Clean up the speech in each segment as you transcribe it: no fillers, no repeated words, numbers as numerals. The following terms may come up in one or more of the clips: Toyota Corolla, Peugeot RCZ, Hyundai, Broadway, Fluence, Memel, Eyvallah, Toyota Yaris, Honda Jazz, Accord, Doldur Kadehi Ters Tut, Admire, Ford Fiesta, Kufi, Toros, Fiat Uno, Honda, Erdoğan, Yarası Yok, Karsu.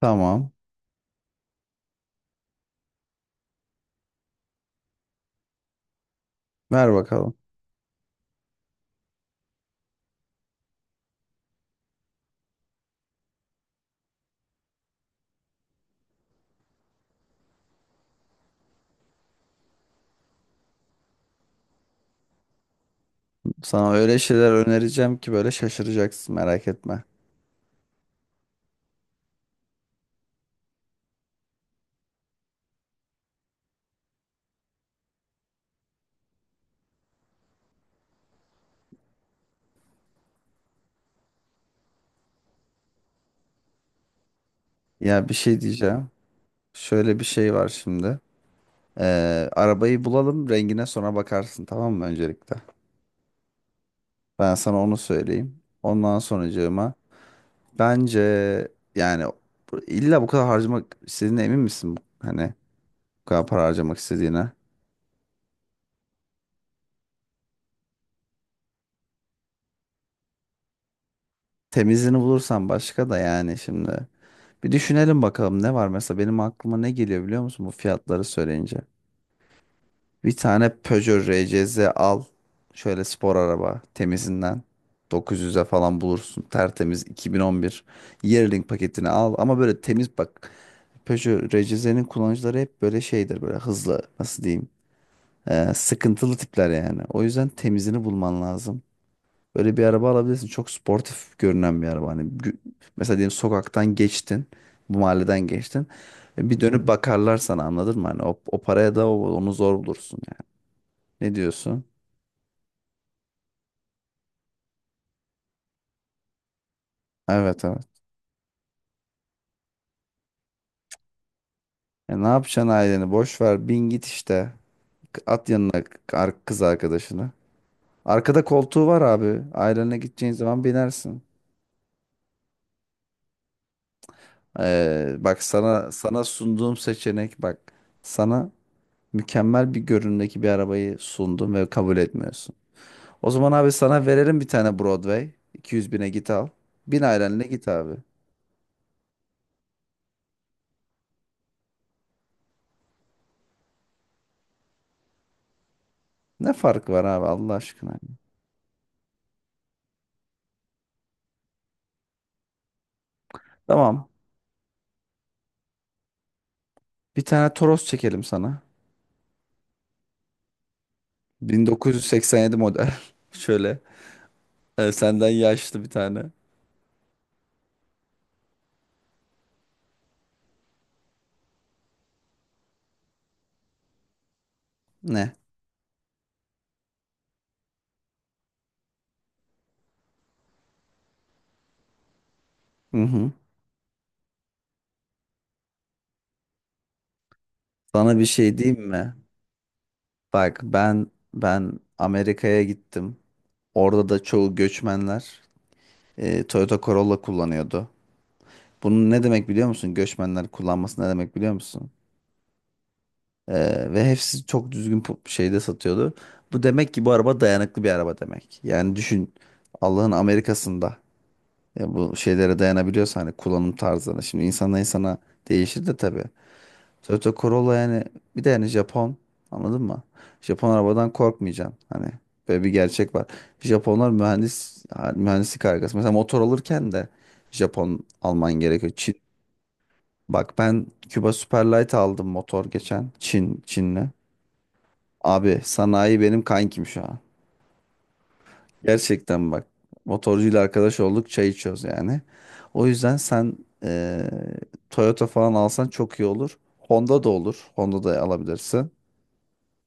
Tamam. Ver bakalım. Sana öyle şeyler önereceğim ki böyle şaşıracaksın, merak etme. Ya bir şey diyeceğim. Şöyle bir şey var şimdi. Arabayı bulalım, rengine sonra bakarsın, tamam mı öncelikle? Ben sana onu söyleyeyim. Ondan sonracığıma bence yani illa bu kadar harcamak istediğine emin misin? Hani bu kadar para harcamak istediğine. Temizini bulursan başka da yani şimdi. Bir düşünelim bakalım, ne var, mesela benim aklıma ne geliyor biliyor musun bu fiyatları söyleyince. Bir tane Peugeot RCZ al. Şöyle spor araba, temizinden. 900'e falan bulursun. Tertemiz 2011. Yearling paketini al. Ama böyle temiz bak. Peugeot RCZ'nin kullanıcıları hep böyle şeydir. Böyle hızlı, nasıl diyeyim. Sıkıntılı tipler yani. O yüzden temizini bulman lazım. Böyle bir araba alabilirsin. Çok sportif görünen bir araba. Hani mesela diyelim sokaktan geçtin. Bu mahalleden geçtin. Bir dönüp bakarlar sana, anladın mı? Hani o paraya da onu zor bulursun. Ne diyorsun? Evet, evet. E, ne yapacaksın aileni? Boş ver. Bin git işte. At yanına kız arkadaşını. Arkada koltuğu var abi. Ailenle gideceğin zaman binersin. Bak, sana sunduğum seçenek, bak. Sana mükemmel bir görünümdeki bir arabayı sundum ve kabul etmiyorsun. O zaman abi sana verelim bir tane Broadway. 200 bine git al. Bin ailenle git abi. Ne farkı var abi, Allah aşkına. Tamam. Bir tane Toros çekelim sana. 1987 model. Şöyle. Senden yaşlı bir tane. Ne? Hı hı. Sana bir şey diyeyim mi? Bak, ben Amerika'ya gittim. Orada da çoğu göçmenler, Toyota Corolla kullanıyordu. Bunun ne demek biliyor musun? Göçmenler kullanması ne demek biliyor musun? E, Ve hepsi çok düzgün şeyde satıyordu. Bu demek ki bu araba dayanıklı bir araba demek. Yani düşün, Allah'ın Amerika'sında bu şeylere dayanabiliyorsa, hani kullanım tarzlarına. Şimdi insanla insana değişir de tabii. Toyota Corolla yani, bir de yani Japon, anladın mı? Japon arabadan korkmayacaksın, hani böyle bir gerçek var. Japonlar mühendis, mühendislik harikası. Mesela motor alırken de Japon alman gerekiyor. Çin, bak ben Cuba Superlight aldım motor geçen, Çinli. Abi sanayi benim kankim şu an. Gerçekten bak, motorcuyla arkadaş olduk, çay içiyoruz yani. O yüzden sen eee, Toyota falan alsan çok iyi olur. Honda da olur. Honda da alabilirsin.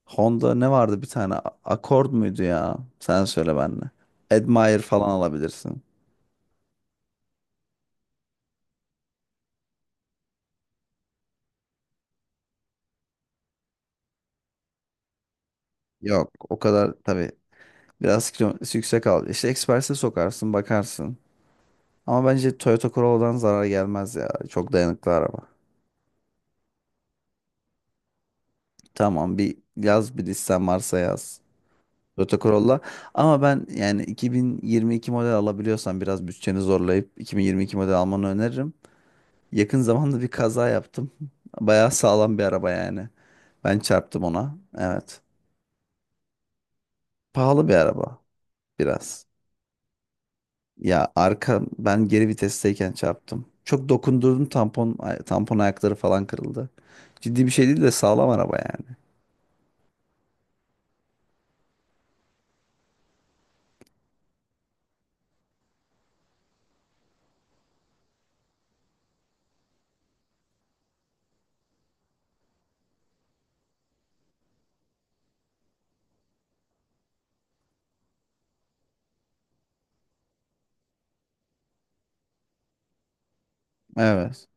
Honda ne vardı bir tane? Accord muydu ya? Sen söyle benle. Admire falan alabilirsin. Yok, o kadar tabii. Biraz kilometresi yüksek al. İşte Express'e sokarsın bakarsın. Ama bence Toyota Corolla'dan zarar gelmez ya. Çok dayanıklı araba. Tamam, bir yaz, bir listen varsa yaz. Toyota Corolla. Ama ben yani 2022 model alabiliyorsan biraz bütçeni zorlayıp 2022 model almanı öneririm. Yakın zamanda bir kaza yaptım. Bayağı sağlam bir araba yani. Ben çarptım ona. Evet. Pahalı bir araba biraz. Ya arka, ben geri vitesteyken çarptım. Çok dokundurdum, tampon tampon ayakları falan kırıldı. Ciddi bir şey değil de sağlam araba yani. Evet.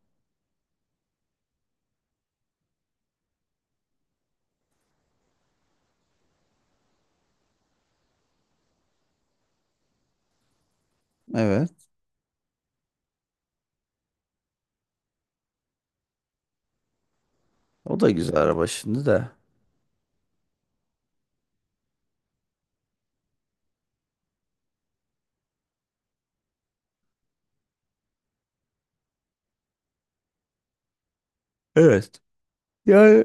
Evet. O da güzel araba şimdi de. Evet. Yani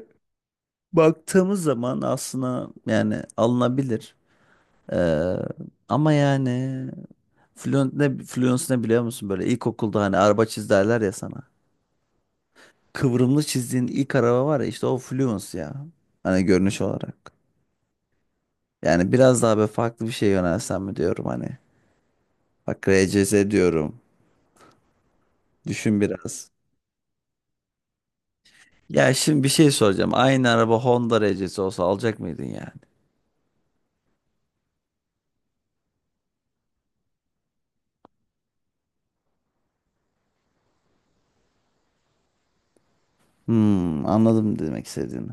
baktığımız zaman aslında yani alınabilir. Ee, ama yani Fluent ne, Fluence ne biliyor musun, böyle ilkokulda hani araba çiz derler ya sana. Kıvrımlı çizdiğin ilk araba var ya, işte o Fluence ya. Hani görünüş olarak. Yani biraz daha böyle farklı bir şey yönelsem mi diyorum hani. Bak, RCZ diyorum. Düşün biraz. Ya şimdi bir şey soracağım. Aynı araba Honda RC'si olsa alacak mıydın yani? Hmm, anladım demek istediğini.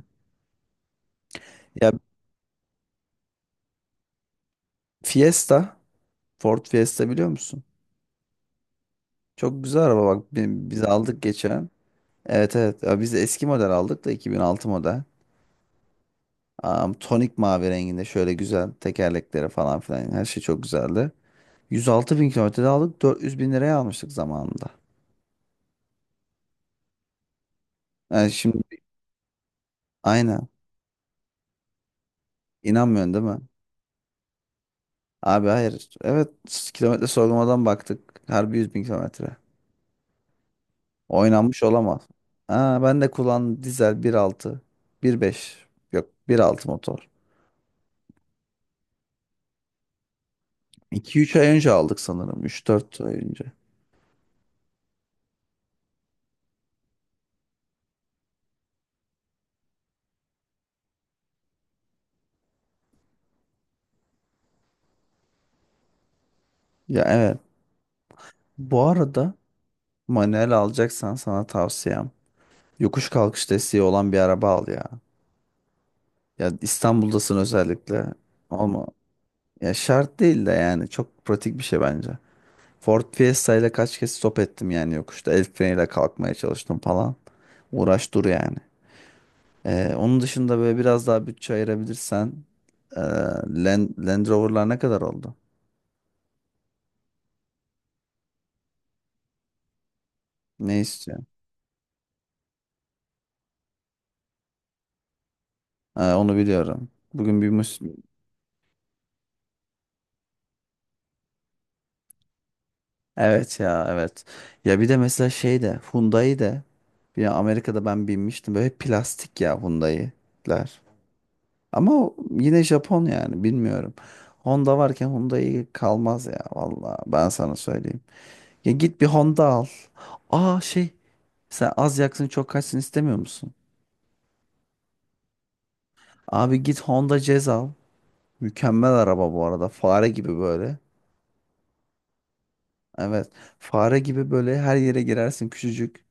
Ya Fiesta, Ford Fiesta biliyor musun? Çok güzel araba bak, biz aldık geçen. Evet, evet. Ya biz de eski model aldık da, 2006 model. Tonik mavi renginde, şöyle güzel tekerlekleri falan filan, her şey çok güzeldi. 106 bin kilometrede aldık, 400 bin liraya almıştık zamanında. Yani şimdi, aynen. İnanmıyorsun değil mi? Abi hayır. Evet, kilometre sorgulamadan baktık. Harbi 100 bin kilometre. Oynanmış olamaz. Aa, ben de kullan, dizel bir altı. Bir beş. Yok, bir altı motor. İki üç ay önce aldık sanırım. Üç dört ay önce. Ya evet. Bu arada, manuel alacaksan sana tavsiyem, yokuş kalkış desteği olan bir araba al ya. Ya İstanbul'dasın özellikle. Ama ya şart değil de yani çok pratik bir şey bence. Ford Fiesta ile kaç kez stop ettim yani yokuşta. El freniyle kalkmaya çalıştım falan. Uğraş dur yani. Onun dışında böyle biraz daha bütçe ayırabilirsen ee, Land Rover'lar ne kadar oldu? Ne istiyorsun? Onu biliyorum. Bugün bir evet ya, evet. Ya bir de mesela şey de Hyundai de, bir Amerika'da ben binmiştim. Böyle plastik ya Hyundai'ler. Ama o yine Japon yani, bilmiyorum. Honda varken Hyundai kalmaz ya, vallahi ben sana söyleyeyim. Ya git bir Honda al. Aa, şey, sen az yaksın çok kaçsın istemiyor musun? Abi git Honda Jazz al. Mükemmel araba bu arada. Fare gibi böyle. Evet. Fare gibi böyle her yere girersin, küçücük.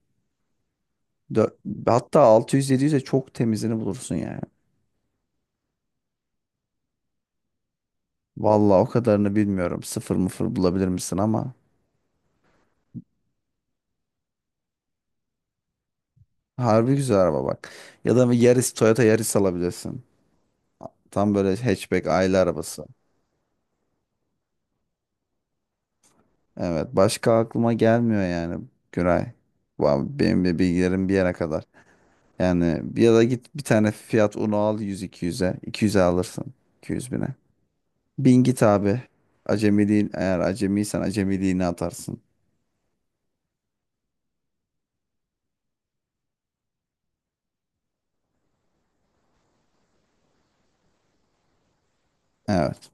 Dö- Hatta 600-700'e çok temizini bulursun yani. Vallahi o kadarını bilmiyorum. Sıfır mıfır bulabilir misin ama. Harbi güzel araba bak. Ya da bir Yaris, Toyota Yaris alabilirsin. Tam böyle hatchback aile arabası. Evet, başka aklıma gelmiyor yani Güray. Benim de bilgilerim bir yere kadar. Yani bir, ya da git bir tane Fiat Uno al 100-200'e. 200'e alırsın. 200 bine. Bin git abi. Acemiliğin, eğer acemiysen acemiliğini atarsın. Evet.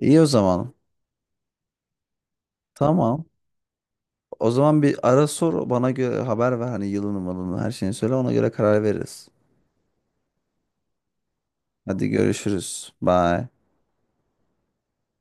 İyi, o zaman. Tamam. O zaman bir ara sor, bana göre haber ver, hani yılını malını her şeyini söyle, ona göre karar veririz. Hadi görüşürüz. Bye.